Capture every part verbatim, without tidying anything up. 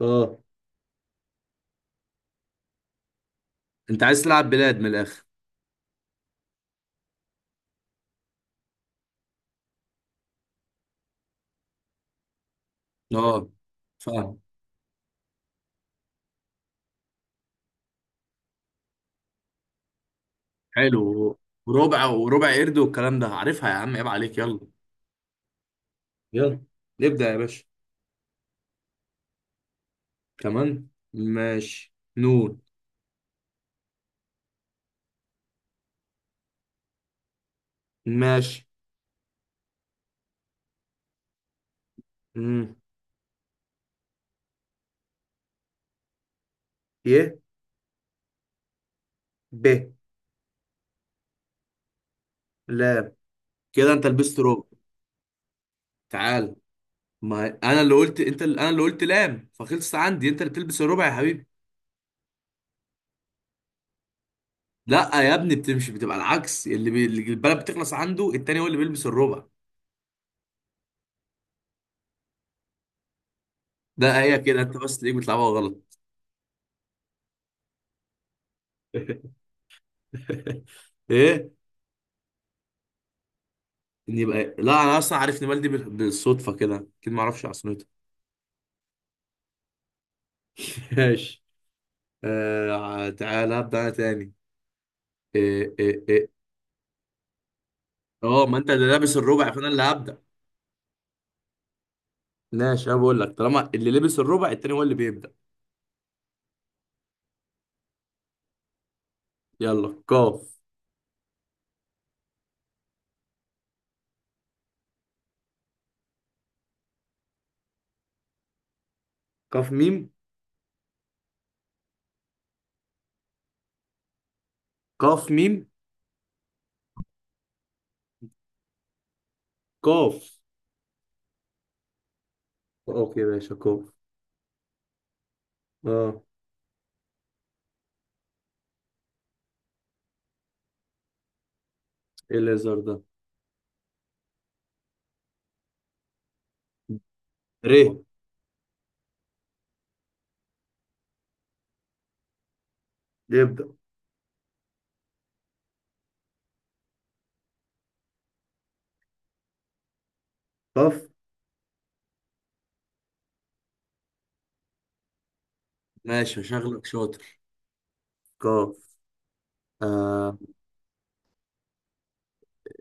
اه، انت عايز تلعب بلاد من الاخر. اه، فاهم. حلو. وربع وربع قرد والكلام ده، عارفها يا عم، عيب عليك، يلا. يلا نبدأ يا باشا. كمان ماشي، نون. ماشي. مم. ي. ب. لام. كده انت لبست ربع. تعال. ما انا اللي قلت انت اللي انا اللي قلت لام، فخلصت عندي، انت اللي بتلبس الربع يا حبيبي. لا يا ابني، بتمشي بتبقى العكس، اللي, بي... اللي البلد بتخلص عنده التاني هو اللي بيلبس الربع. ده هي كده انت بس تلاقيك بتلعبها غلط. ايه؟ إن يبقى لا، انا اصلا عارف نمال دي بال- بالصدفه كده، اكيد ما اعرفش عصنته. ماشي. آه، تعالى ابدا انا تاني. إيه إيه إيه. اه، ما انت اللي لابس الربع فانا اللي هبدا. ماشي، انا بقول لك طالما اللي لبس الربع التاني هو اللي بيبدا. يلا، قاف. قاف ميم. قاف ميم. قاف. اوكي ماشي قاف. اه. ايه الليزر ده؟ ر. يبدا. قاف. ماشي، شغلك شاطر. قاف. آه.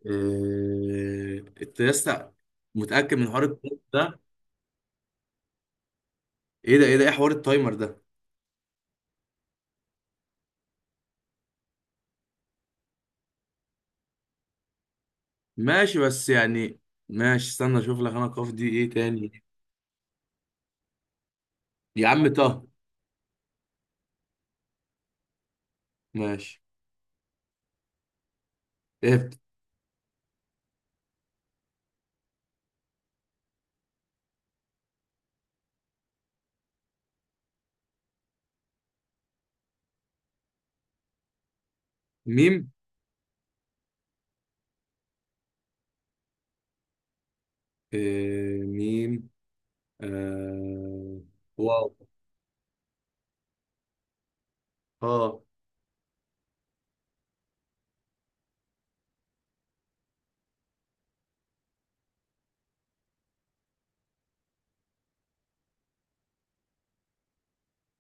إيه... انت لسه متأكد من حوار التايمر ده؟ ايه ده؟ ايه ده؟ ايه حوار التايمر ده؟ ماشي بس يعني. ماشي، استنى اشوف لك انا القاف دي ايه تاني. يا عم طه. ماشي. إيه. ميم. إيه... ميم. آه... واو. اه.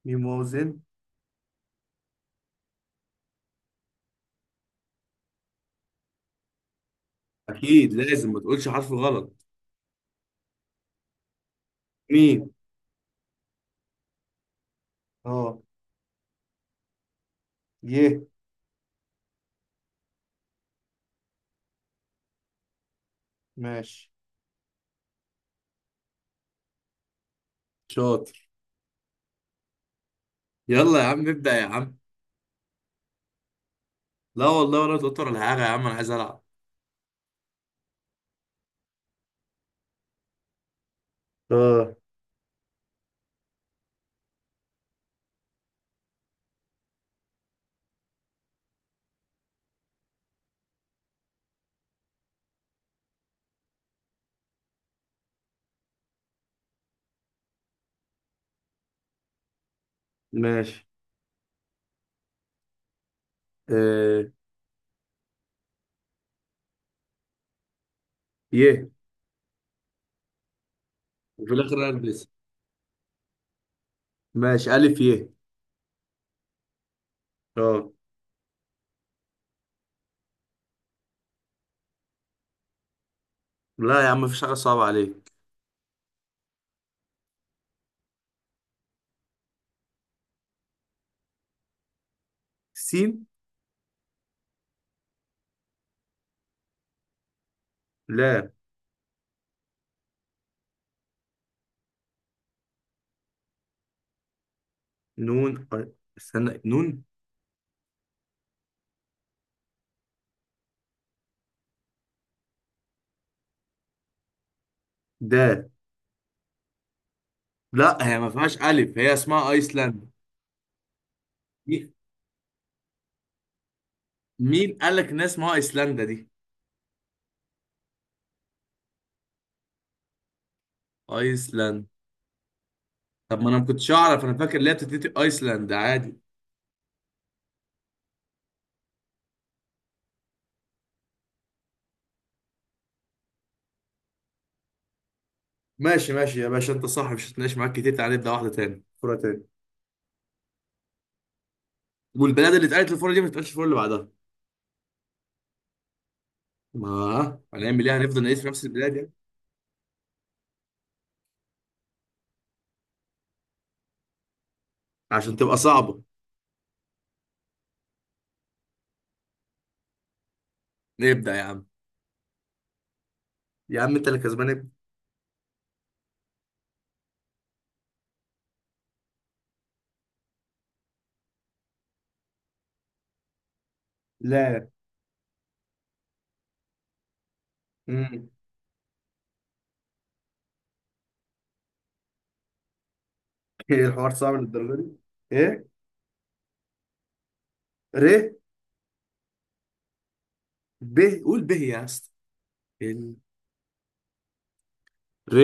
ميم واو زد. اكيد لازم ما تقولش حرف غلط. ميم. اه. يه. ماشي. شاطر. يلا يا عم، ابدأ يا عم. لا والله، ولا توتر ولا حاجة يا عم، انا عايز العب. اه، ماشي. آه. يه. وفي الاخر انا البسها. ماشي، ألف يه. اه. لا يا عم، مفيش حاجة صعبة عليك. سين. لا. نون. أي- استنى، نون. دا. لا، هي ما فيهاش ألف، هي اسمها أيسلندا. مي- مين قال لك إن اسمها أيسلندا دي؟ أيسلندا؟ طب ما أنا ما كنتش أعرف، أنا فاكر اللي هي بتتقي أيسلندا عادي. ماشي ماشي يا باشا، أنت صح، مش هتناقش معاك كتير، تعالى نبدأ واحدة تاني، فورة تاني. والبلاد اللي اتقالت الفورة دي ما تتقالش الفورة اللي بعدها. ما هنعمل إيه، هنفضل نعيش في نفس البلاد يعني. عشان تبقى صعبة. نبدأ يا عم. يا عم انت اللي كسبان، ابدأ. لا. مم. ايه الحوار صعب للدرجة دي؟ ايه. ر. ب. قول ب يا اسطى. ال- ر.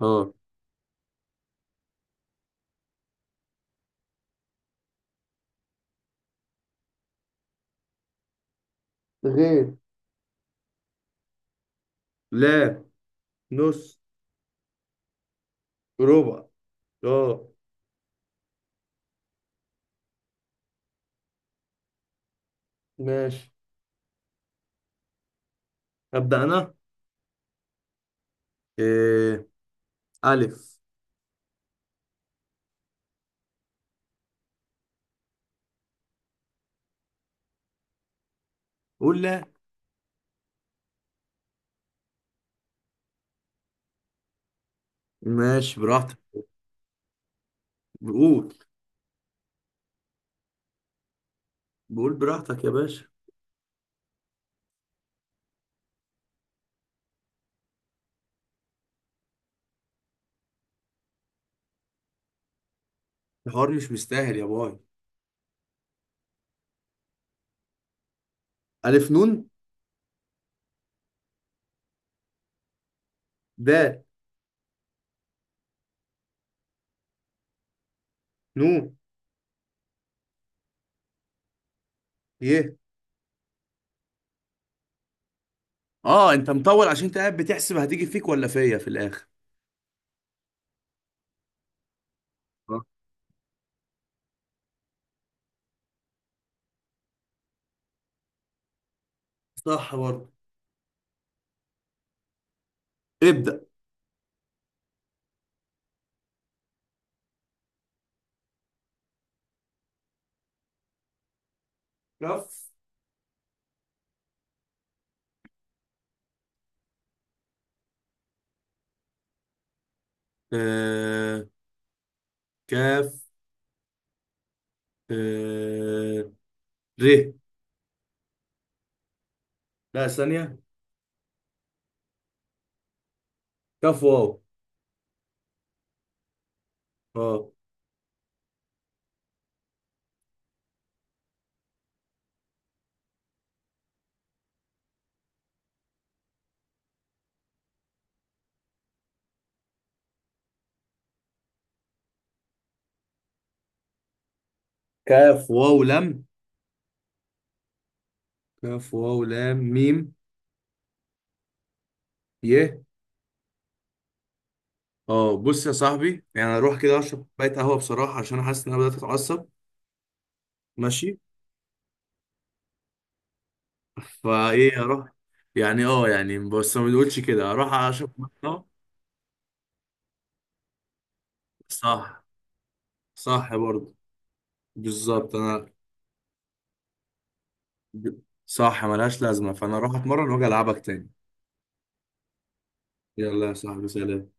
اه. غير. لا. نص. ربع. اه. ماشي. أبدأ أنا. إيه. ألف. قول لا. ماشي، براحتك. بقول. بقول براحتك يا باشا. الحوار مش مستاهل يا باي. ألف نون. د. نون. ي. اه، انت مطول عشان انت قاعد بتحسب هتيجي فيك ولا فيا في الآخر. صح برضه. ابدأ. كف. آه. كاف. آه. ر. لا، ثانية. كف واو. اه. كاف واو لم. كاف واو لام ميم. ي. اه، بص يا صاحبي، يعني اروح كده اشرب كوبايه قهوه بصراحه، عشان انا حاسس ان انا بدات اتعصب. ماشي. فايه اروح. يعني اه يعني بس ما بنقولش كده، اروح اشرب كوباية قهوة. صح. صح برضه. بالظبط انا. ب- صح، ملهاش لازمه، فانا اروح اتمرن واجي العبك تاني. يلا يا صاحبي، سلام.